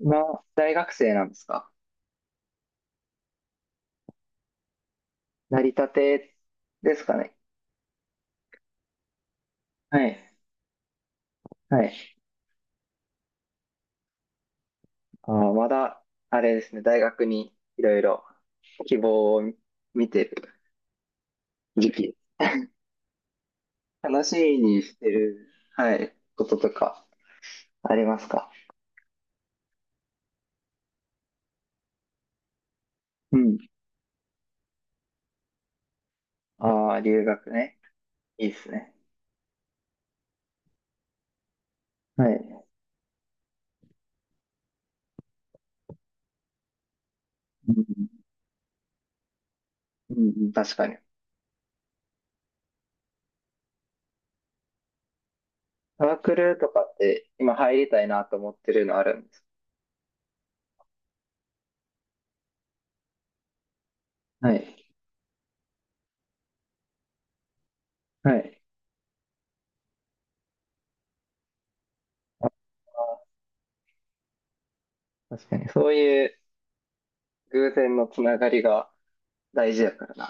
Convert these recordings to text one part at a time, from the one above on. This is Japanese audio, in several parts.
今、大学生なんですか？なりたてですかね。はい。はい。まだ、あれですね、大学にいろいろ希望を見てる時期。楽しみにしてる、はい、こととかありますか？うん。ああ、留学ね。いいですね。はい。うん、うん、確かに。サークルとかって今入りたいなと思ってるのあるんです？はい。はい。あ確かに。そういう偶然のつながりが大事だからな、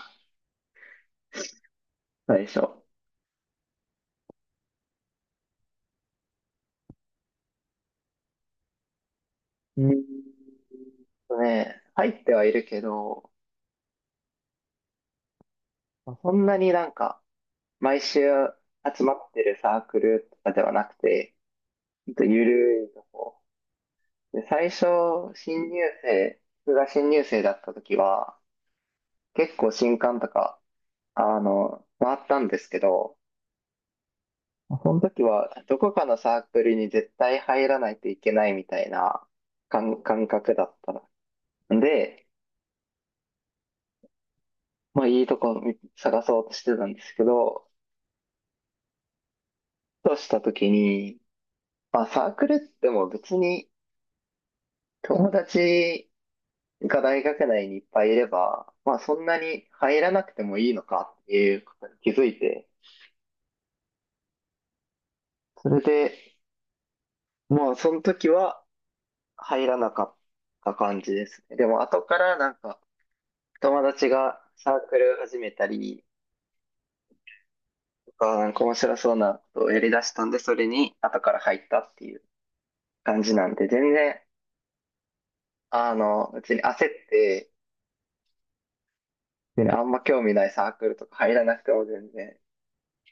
最初。うん。ね、入ってはいるけど、そんなになんか、毎週集まってるサークルとかではなくて、ほんとゆるいとこ。で、最初、新入生、僕が新入生だった時は、結構新刊とか、回ったんですけど、その時は、どこかのサークルに絶対入らないといけないみたいな感覚だったの。で、まあいいとこ探そうとしてたんですけど、ふとした時に、まあサークルっても別に友達が大学内にいっぱいいれば、まあそんなに入らなくてもいいのかっていうことに気づいて、それで、もうその時は入らなかった感じですね。でも後からなんか友達がサークル始めたりとか、なんか面白そうなことをやり出したんで、それに後から入ったっていう感じなんで、全然別に焦って、別にま興味ないサークルとか入らなくても全然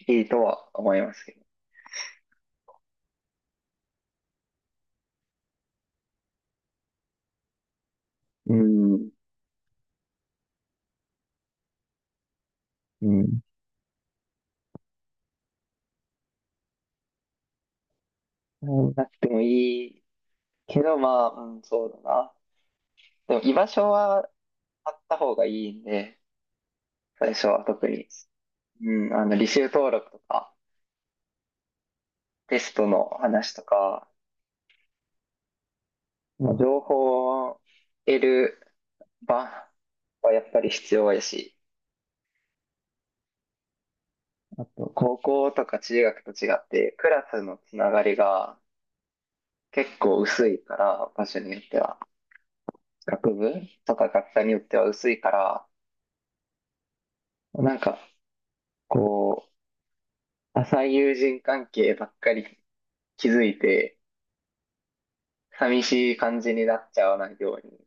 いいとは思いますけど。うん。うん。入らなくてもいいけど、まあ、うん、そうだな。でも居場所はあった方がいいんで、最初は特に。うん、履修登録とか、テストの話とか、まあ、情報を得る場はやっぱり必要やし、あと、高校とか中学と違って、クラスのつながりが、結構薄いから、場所によっては。学部とか学科によっては薄いから、なんか、こう、浅い友人関係ばっかり築いて、寂しい感じになっちゃわないように。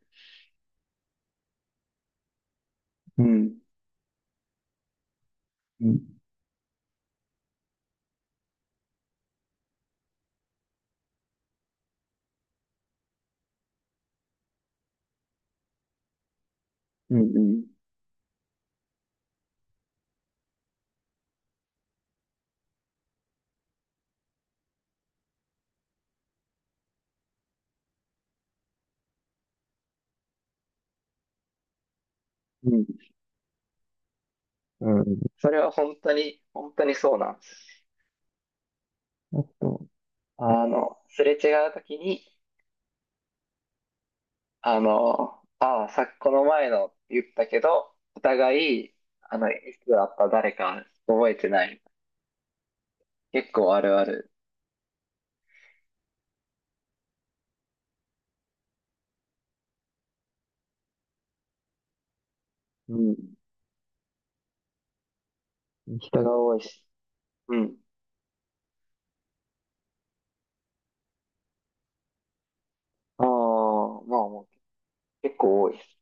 うん。うん。うん。うん。うんうん。それは本当に、本当にそうなんです。あと、すれ違うときに、ああ、さっきこの前のって言ったけど、お互い、いつだった誰か覚えてない。結構あるある。うん。人が多いし。うん。ああ、まあもう結構多いです。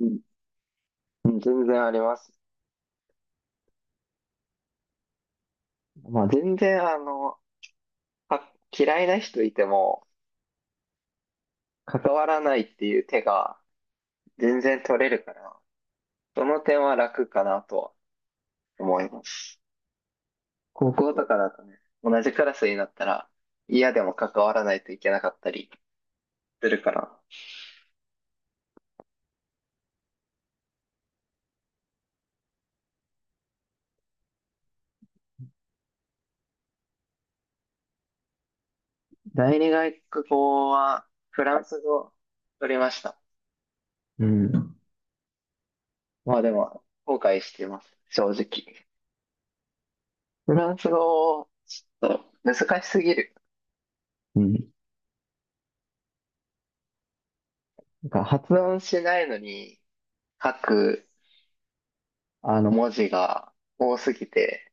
うん。うん、全然あります。まあ全然嫌いな人いても関わらないっていう手が全然取れるから、その点は楽かなとは思います。高校とかだとね、同じクラスになったら嫌でも関わらないといけなかったりするから。第二外国語はフランス語取りました。うん。まあでも、後悔してます。正直。フランス語、ちょっと難しすぎる。うん。なんか発音しないのに書く、文字が多すぎて、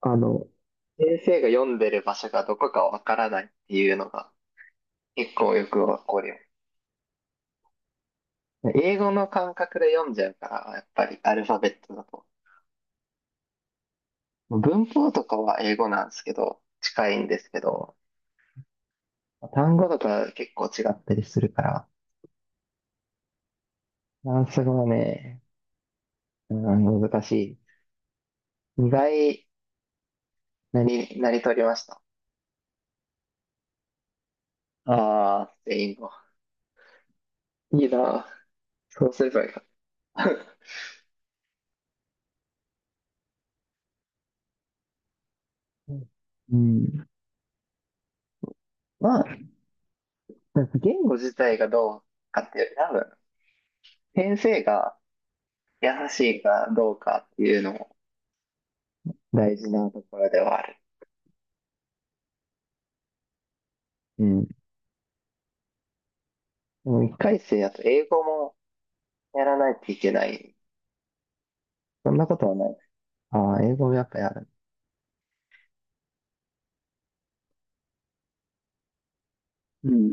あの、先生が読んでる場所がどこかわからないっていうのが結構よく起こるよ。英語の感覚で読んじゃうから、やっぱりアルファベットだと。文法とかは英語なんですけど、近いんですけど、単語とか結構違ったりするから、フランス語はね、うん難しい。意外なりとりました。ああ、スペイン語。いいな。そうすればよかった。うん。まあ、言語自体がどうかっていうより、多分、先生が優しいかどうかっていうのも大事なところではある。うん。でも一回生だと英語もやらないといけない。そんなことはない。ああ、英語もやっぱやる。うん。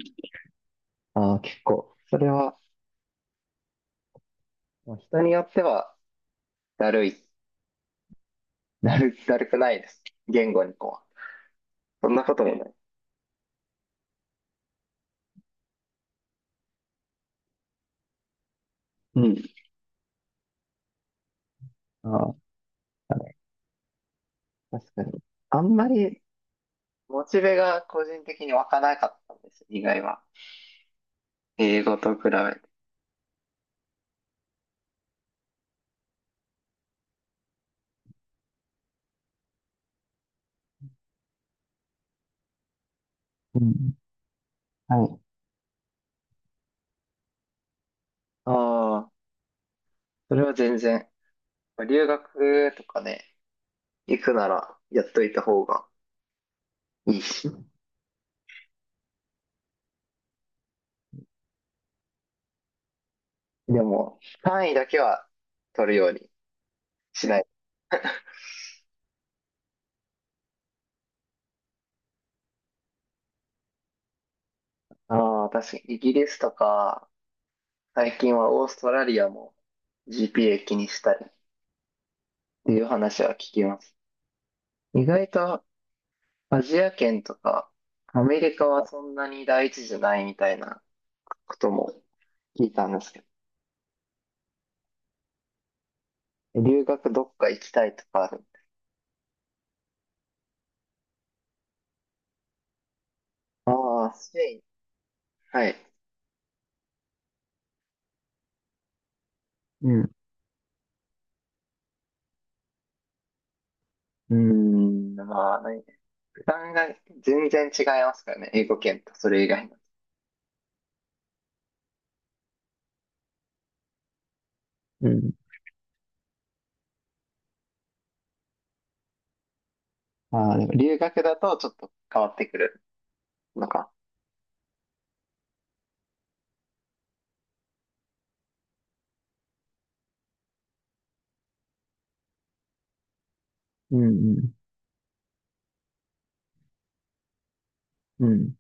ああ、結構。それは、まあ人によってはだるいなる、だるくないです。言語にこう。そんなこともない。うん。ああ、確かに。あんまり、モチベが個人的に湧かなかったんです、意外は。英語と比べて。うん。はい。ああ、それは全然。留学とかね、行くならやっといた方がいいし。でも、単位だけは取るようにしない。ああ、確かに、イギリスとか、最近はオーストラリアも GPA 気にしたりっていう話は聞きます。意外とアジア圏とかアメリカはそんなに第一じゃないみたいなことも聞いたんですけど、留学どっか行きたいとかある？ああ、スペイン。はい。うん。うーん、まあ、ね、負担が全然違いますからね、英語圏とそれ以外の。うん。ああ、でも留学だとちょっと変わってくるのか。うんうん。うん。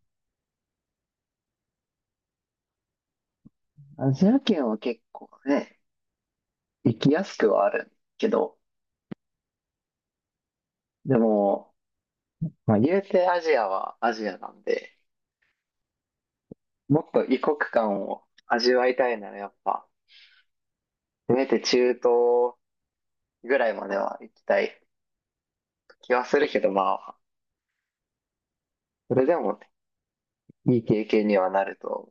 アジア圏は結構ね、行きやすくはあるけど、でも、まあ言うてアジアはアジアなんで、もっと異国感を味わいたいならやっぱ、せめて中東ぐらいまでは行きたい気はするけど、まあ、それでもいい経験にはなると思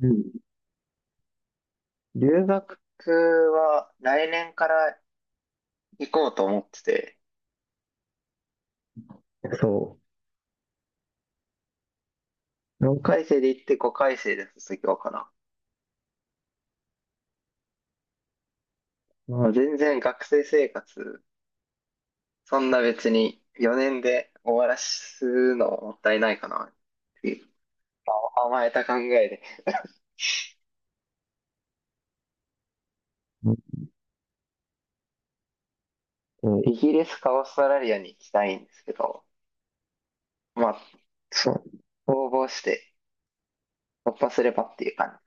う。うん。留学は来年から行こうと思ってて、そう。4回生で行って5回生で卒業かな。まあ、全然学生生活、そんな別に4年で終わらすのもったいないかなっていう甘えた考えで。ううんイギリスかオーストラリアに行きたいんですけど、まあ、そう、応募して、突破すればっていう感じ。